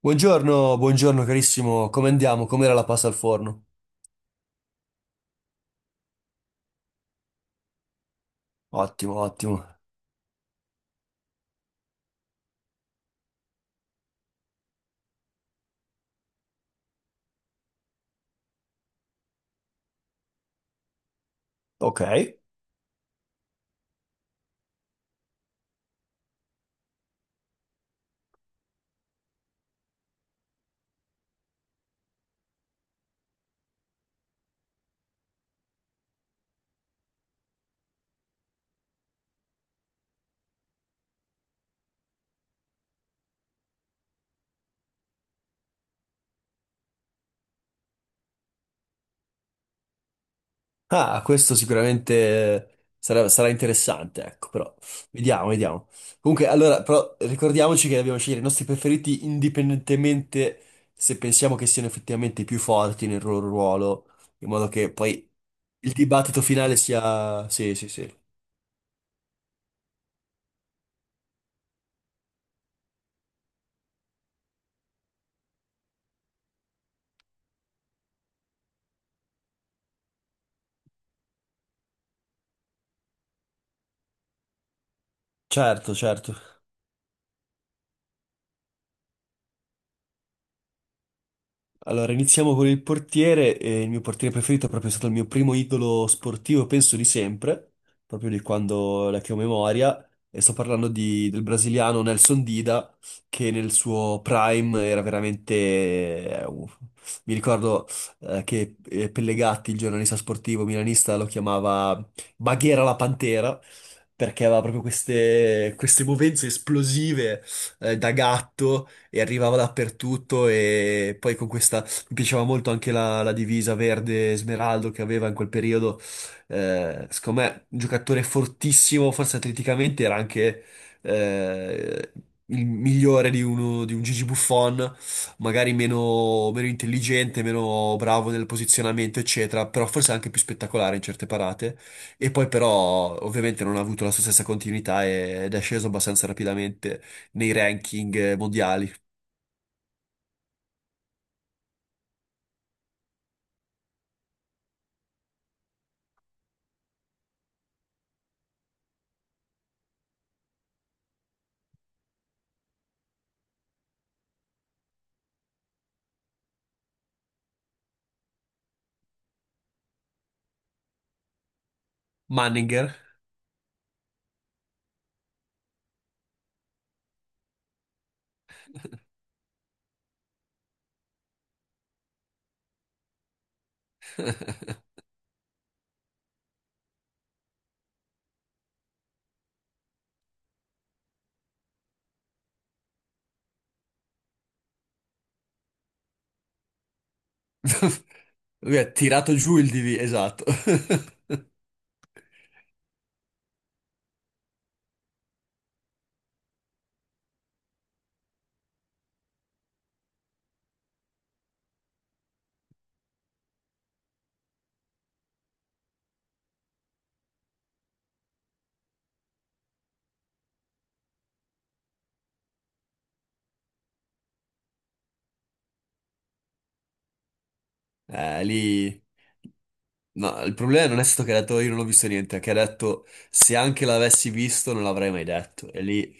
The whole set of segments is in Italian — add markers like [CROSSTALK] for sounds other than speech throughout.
Buongiorno, buongiorno carissimo, come andiamo? Com'era la pasta al forno? Ottimo, ottimo. Ok. Ah, questo sicuramente sarà, sarà interessante, ecco, però vediamo, vediamo. Comunque, allora, però ricordiamoci che dobbiamo scegliere i nostri preferiti indipendentemente se pensiamo che siano effettivamente i più forti nel loro ruolo, in modo che poi il dibattito finale sia... Sì, sì, sì. Certo, certo. Allora, iniziamo con il portiere. Il mio portiere preferito è proprio stato il mio primo idolo sportivo, penso di sempre, proprio di quando la che ho memoria. E sto parlando del brasiliano Nelson Dida, che nel suo prime era veramente... uff. Mi ricordo che Pellegatti, il giornalista sportivo milanista, lo chiamava Baghera la Pantera, perché aveva proprio queste, queste movenze esplosive da gatto e arrivava dappertutto e poi con questa mi piaceva molto anche la divisa verde smeraldo che aveva in quel periodo. Secondo me, un giocatore fortissimo, forse atleticamente era anche eh, il migliore di, uno, di un Gigi Buffon, magari meno, meno intelligente, meno bravo nel posizionamento, eccetera, però forse anche più spettacolare in certe parate. E poi però ovviamente non ha avuto la sua stessa continuità ed è sceso abbastanza rapidamente nei ranking mondiali. Manninger. [LAUGHS] Lui ha tirato giù il DV, esatto. [LAUGHS] Lì... No, il problema non è stato che ha detto io non ho visto niente, è che ha detto se anche l'avessi visto non l'avrei mai detto. E lì...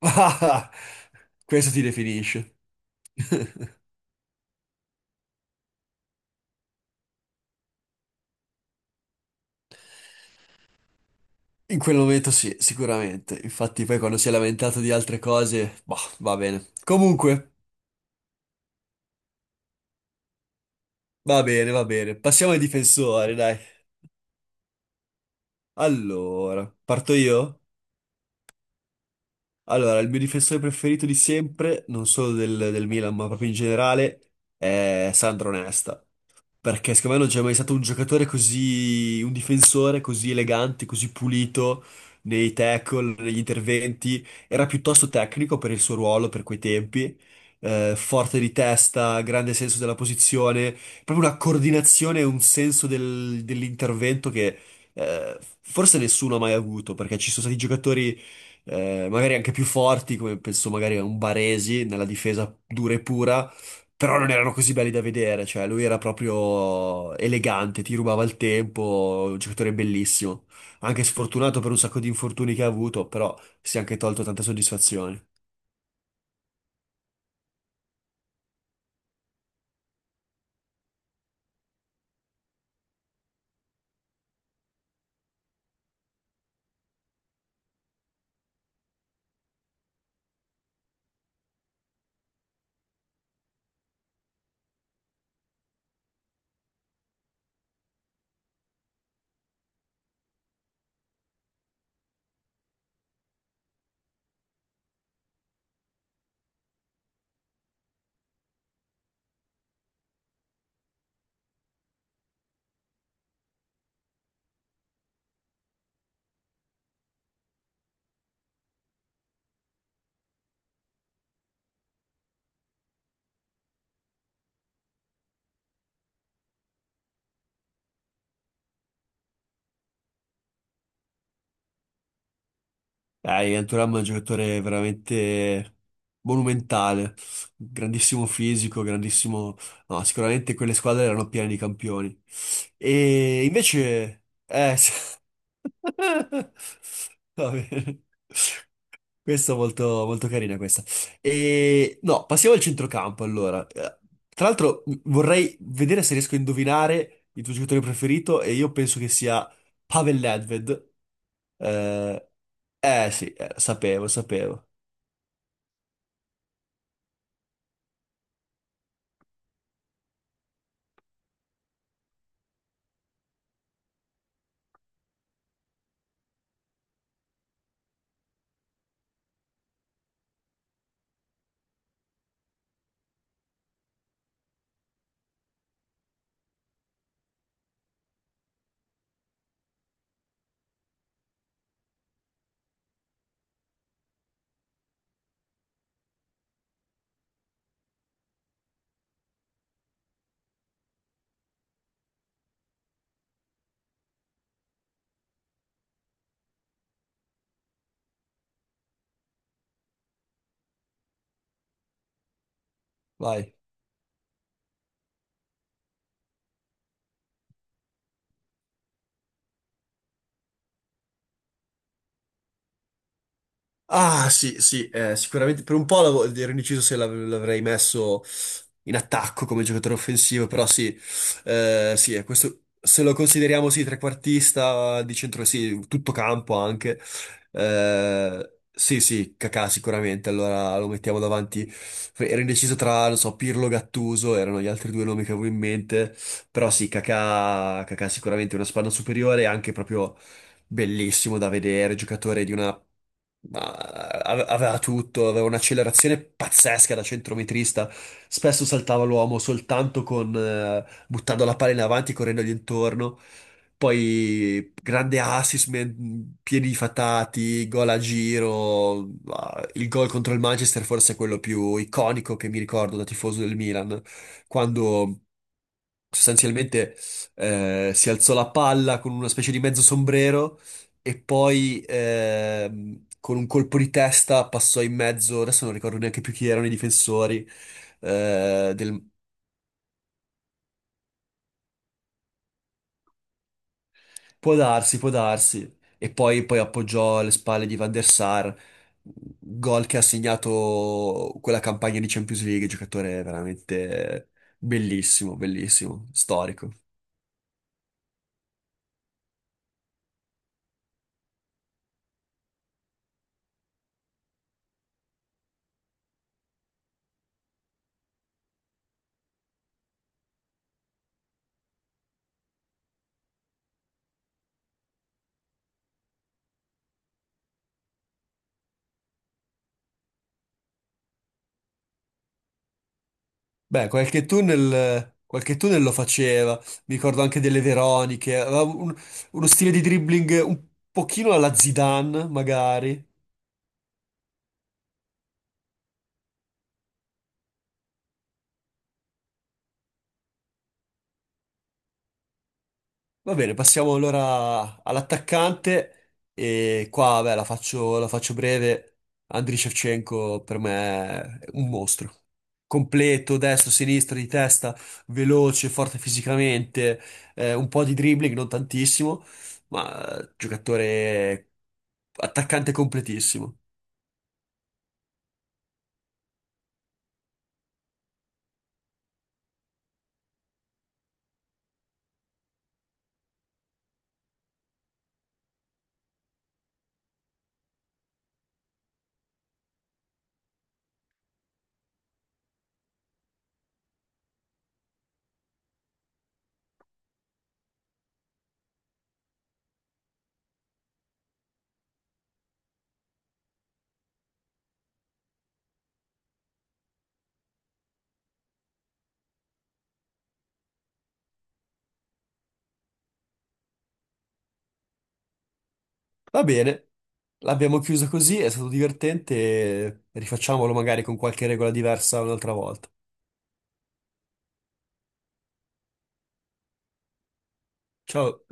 [LAUGHS] Questo ti definisce. [LAUGHS] In quel momento sì, sicuramente. Infatti poi quando si è lamentato di altre cose, boh, va bene. Comunque, va bene, va bene. Passiamo ai difensori, dai. Allora, parto io? Allora, il mio difensore preferito di sempre, non solo del Milan, ma proprio in generale, è Sandro Nesta. Perché secondo me non c'è mai stato un giocatore così, un difensore così elegante, così pulito nei tackle, negli interventi. Era piuttosto tecnico per il suo ruolo, per quei tempi. Forte di testa, grande senso della posizione, proprio una coordinazione e un senso dell'intervento che forse nessuno ha mai avuto, perché ci sono stati giocatori magari anche più forti, come penso magari a un Baresi nella difesa dura e pura, però non erano così belli da vedere, cioè lui era proprio elegante, ti rubava il tempo, un giocatore bellissimo. Anche sfortunato per un sacco di infortuni che ha avuto, però si è anche tolto tante soddisfazioni. Ivan Thuram è un giocatore veramente monumentale, grandissimo fisico, grandissimo... No, sicuramente quelle squadre erano piene di campioni. E invece... [LAUGHS] Va bene. Questo è molto, molto carina questa. E, no, passiamo al centrocampo allora. Tra l'altro vorrei vedere se riesco a indovinare il tuo giocatore preferito e io penso che sia Pavel Nedved. Eh, eh sì, sapevo, sapevo. Vai. Ah, sì, sì, sicuramente per un po' ero indeciso se l'avrei messo in attacco come giocatore offensivo, però sì, sì, è questo, se lo consideriamo sì, trequartista di centro, sì, tutto campo anche, sì, sì, Kakà sicuramente, allora lo mettiamo davanti, ero indeciso tra, non so, Pirlo, Gattuso, erano gli altri due nomi che avevo in mente, però sì, Kakà, Kakà sicuramente è una spanna superiore, anche proprio bellissimo da vedere, giocatore di una... aveva tutto, aveva un'accelerazione pazzesca da centrometrista, spesso saltava l'uomo soltanto con... buttando la palla in avanti, correndogli intorno. Poi grande assist, piedi fatati, gol a giro, ah, il gol contro il Manchester forse è quello più iconico che mi ricordo da tifoso del Milan, quando sostanzialmente si alzò la palla con una specie di mezzo sombrero e poi con un colpo di testa passò in mezzo, adesso non ricordo neanche più chi erano i difensori, eh, del- può darsi, e poi, poi appoggiò alle spalle di Van der Sar, gol che ha segnato quella campagna di Champions League, giocatore veramente bellissimo, bellissimo, storico. Beh, qualche tunnel lo faceva, mi ricordo anche delle Veroniche, aveva un- uno stile di dribbling un pochino alla Zidane, magari. Va bene, passiamo allora all'attaccante e qua, beh, la faccio breve. Andriy Shevchenko per me è un mostro. Completo, destro, sinistro, di testa, veloce, forte fisicamente, un po' di dribbling, non tantissimo, ma giocatore attaccante completissimo. Va bene, l'abbiamo chiusa così, è stato divertente, rifacciamolo magari con qualche regola diversa un'altra volta. Ciao.